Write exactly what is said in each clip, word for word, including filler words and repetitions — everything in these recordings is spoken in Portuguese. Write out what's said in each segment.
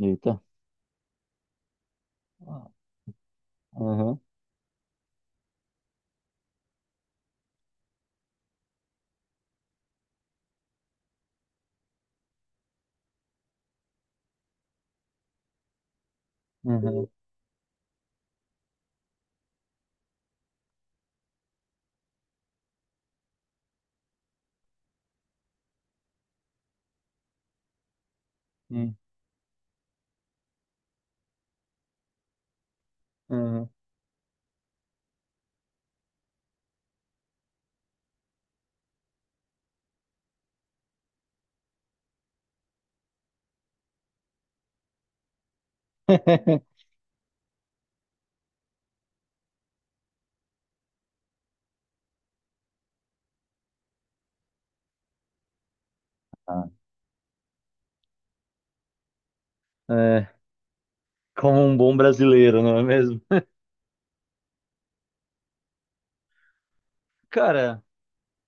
Eita. Aham, aham, hum, aham. Ah, É, Como um bom brasileiro, não é mesmo? Cara,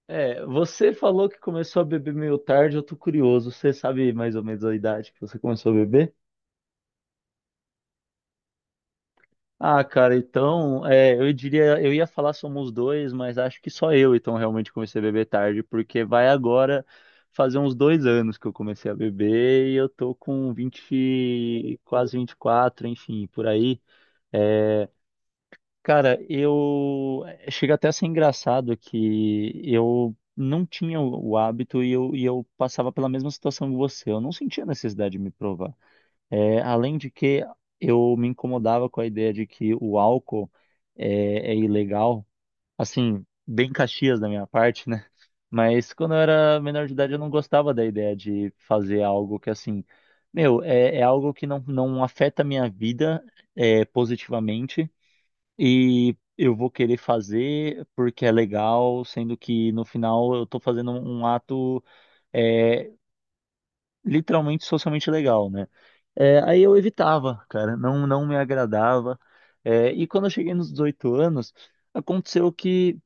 é, você falou que começou a beber meio tarde, eu tô curioso. Você sabe mais ou menos a idade que você começou a beber? Ah, cara, então, é, eu diria, eu ia falar somos dois, mas acho que só eu então realmente comecei a beber tarde, porque vai agora fazer uns dois anos que eu comecei a beber e eu tô com vinte, quase vinte e quatro, enfim, por aí. É, Cara, eu eh, chega até a ser engraçado que eu não tinha o o hábito e eu, e eu passava pela mesma situação que você. Eu não sentia necessidade de me provar. É, além de que eu me incomodava com a ideia de que o álcool é, é ilegal, assim, bem Caxias da minha parte, né? Mas quando eu era menor de idade, eu não gostava da ideia de fazer algo que, assim, meu, é, é algo que não, não afeta a minha vida é, positivamente. E eu vou querer fazer porque é legal, sendo que no final eu tô fazendo um um ato é, literalmente socialmente legal, né? É, aí eu evitava, cara, não, não me agradava. É, e quando eu cheguei nos dezoito anos, aconteceu que,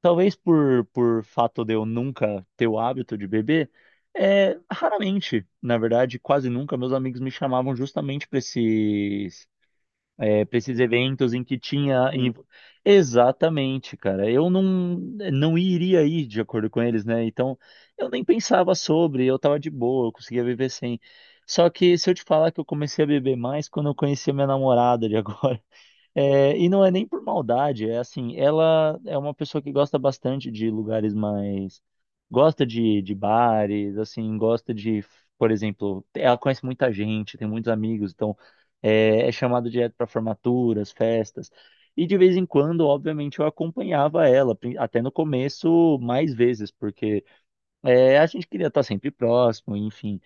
talvez por, por fato de eu nunca ter o hábito de beber, é, raramente, na verdade, quase nunca, meus amigos me chamavam justamente para é, para esses eventos em que tinha. em- Exatamente, cara. Eu não, não iria ir de acordo com eles, né? Então, eu nem pensava sobre, eu tava de boa, eu conseguia viver sem. Só que se eu te falar que eu comecei a beber mais quando eu conheci a minha namorada de agora. É, e não é nem por maldade, é assim, ela é uma pessoa que gosta bastante de lugares mais. Gosta de, de bares, assim, gosta de, por exemplo, ela conhece muita gente, tem muitos amigos, então é, é chamada direto para formaturas, festas. E de vez em quando, obviamente, eu acompanhava ela, pri- até no começo, mais vezes, porque é, a gente queria estar sempre próximo, enfim.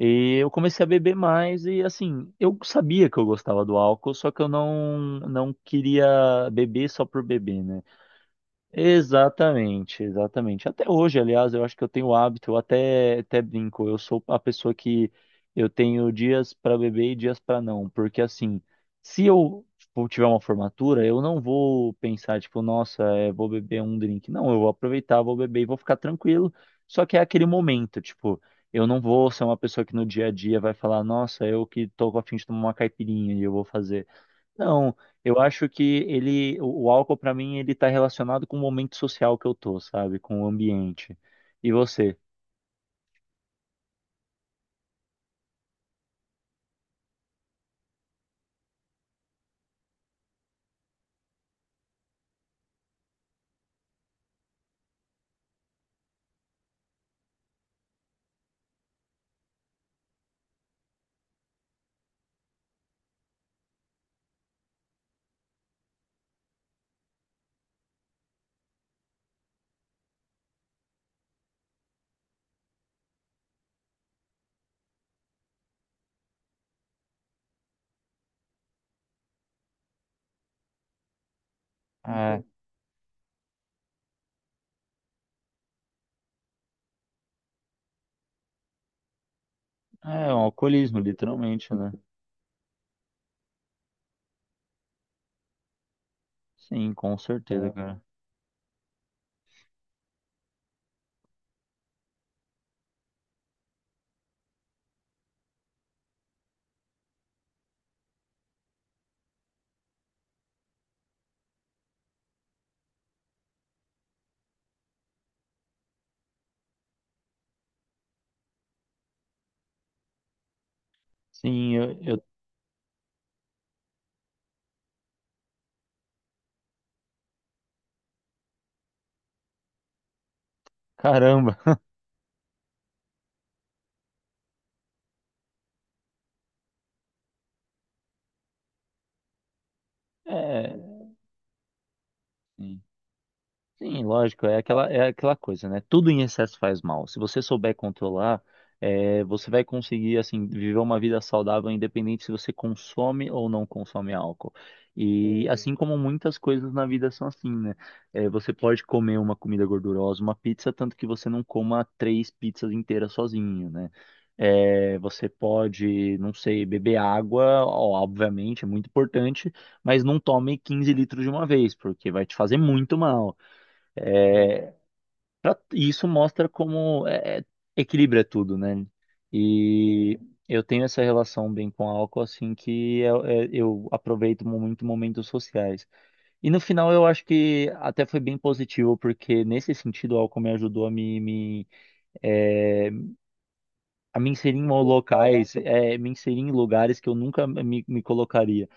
E eu comecei a beber mais e assim, eu sabia que eu gostava do álcool, só que eu não não queria beber só por beber, né? Exatamente, exatamente. Até hoje, aliás, eu acho que eu tenho o hábito, eu até, até brinco, eu sou a pessoa que eu tenho dias para beber e dias para não, porque assim, se eu for- tiver uma formatura, eu não vou pensar, tipo, nossa, é, vou beber um drink. Não, eu vou aproveitar, vou beber e vou ficar tranquilo. Só que é aquele momento, tipo, eu não vou ser uma pessoa que no dia a dia vai falar, nossa, eu que tô a fim de tomar uma caipirinha e eu vou fazer. Não, eu acho que ele, o o álcool pra mim, ele tá relacionado com o momento social que eu tô, sabe? Com o ambiente. E você? É, é um alcoolismo, literalmente, né? Sim, com certeza, É. cara. Sim, eu, eu- Caramba. É, Sim, lógico, é aquela, é aquela coisa, né? Tudo em excesso faz mal. Se você souber controlar, é, você vai conseguir, assim, viver uma vida saudável, independente se você consome ou não consome álcool. E Uhum. Assim como muitas coisas na vida são assim, né? É, você pode comer uma comida gordurosa, uma pizza, tanto que você não coma três pizzas inteiras sozinho, né? É, você pode, não sei, beber água, ó, obviamente, é muito importante, mas não tome quinze litros de uma vez, porque vai te fazer muito mal. Pra- E isso mostra como é, equilibra tudo, né? E eu tenho essa relação bem com álcool, assim, que eu, é, eu aproveito muito momentos sociais. E no final eu acho que até foi bem positivo, porque nesse sentido o álcool me ajudou a me, me é, a me inserir em locais, é, me inserir em lugares que eu nunca me, me colocaria.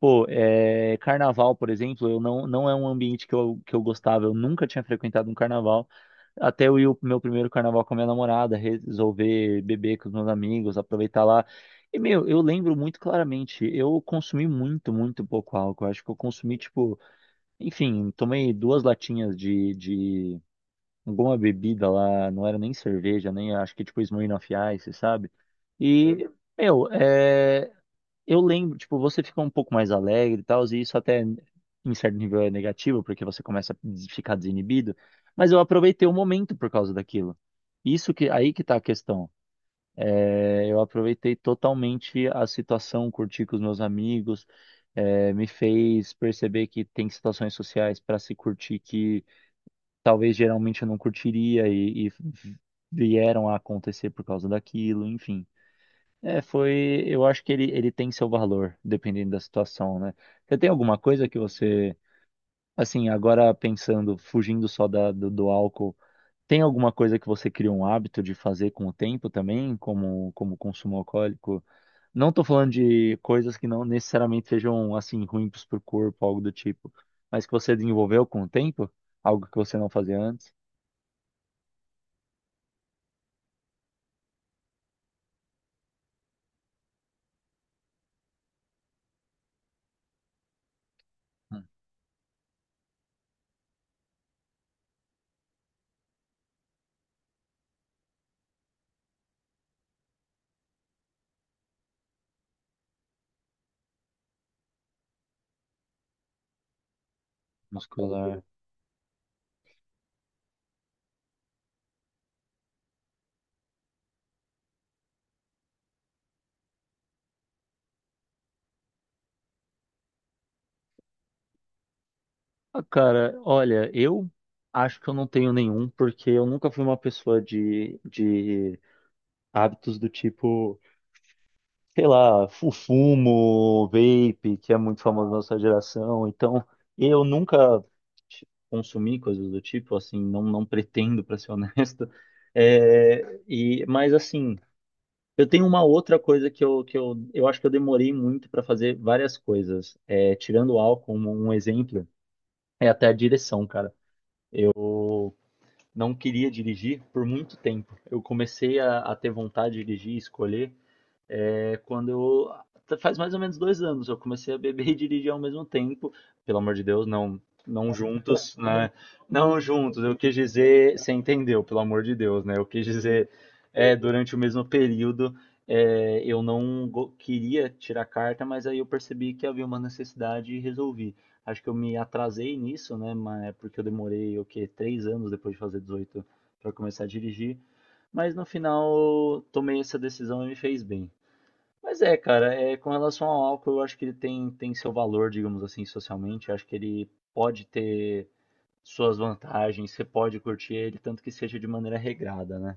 Pô, é, carnaval, por exemplo, eu não, não é um ambiente que eu, que eu gostava, eu nunca tinha frequentado um carnaval. Até eu ir o meu primeiro carnaval com a minha namorada, resolver beber com os meus amigos, aproveitar lá. E, meu, eu lembro muito claramente, eu consumi muito, muito pouco álcool. Eu acho que eu consumi, tipo, enfim, tomei duas latinhas de, de boa bebida lá, não era nem cerveja, nem acho que tipo Smirnoff Ice, sabe? E, meu, é, eu lembro, tipo, você fica um pouco mais alegre e tal, e isso até em certo nível é negativo, porque você começa a des- ficar desinibido, mas eu aproveitei o momento por causa daquilo. Isso que, aí que tá a questão. É, eu aproveitei totalmente a situação, curti com os meus amigos, é, me fez perceber que tem situações sociais para se curtir que talvez geralmente eu não curtiria e, e vieram a acontecer por causa daquilo, enfim. É, foi, eu acho que ele, ele tem seu valor, dependendo da situação, né? Você tem alguma coisa que você, assim, agora pensando, fugindo só da, do, do álcool, tem alguma coisa que você criou um hábito de fazer com o tempo também, como, como consumo alcoólico? Não tô falando de coisas que não necessariamente sejam, assim, ruins pro corpo, algo do tipo, mas que você desenvolveu com o tempo, algo que você não fazia antes. Muscular. Ah, cara, olha, eu acho que eu não tenho nenhum, porque eu nunca fui uma pessoa de, de hábitos do tipo, sei lá, fu- fumo, vape, que é muito famoso na nossa geração. Então, eu nunca ti- consumi coisas do tipo, assim, não, não pretendo, pra ser honesto. É, e, mas, assim, eu tenho uma outra coisa que eu, que eu, eu acho que eu demorei muito pra fazer várias coisas. É, tirando o álcool como um exemplo, é até a direção, cara. Não queria dirigir por muito tempo. Eu comecei a, a ter vontade de dirigir, escolher é, quando eu. Faz mais ou menos dois anos, eu comecei a beber e dirigir ao mesmo tempo. Pelo amor de Deus, não, não juntos, né? Não juntos, eu quis dizer, você entendeu, pelo amor de Deus, né? Eu quis dizer, é, durante o mesmo período, é, eu não go- queria tirar carta, mas aí eu percebi que havia uma necessidade e resolvi. Acho que eu me atrasei nisso, né? Mas porque eu demorei, o quê? Três anos depois de fazer dezoito para começar a dirigir. Mas no final, tomei essa decisão e me fez bem. Mas é, cara, é, com relação ao álcool, eu acho que ele tem, tem seu valor, digamos assim, socialmente. Eu acho que ele pode ter suas vantagens, você pode curtir ele, tanto que seja de maneira regrada, né?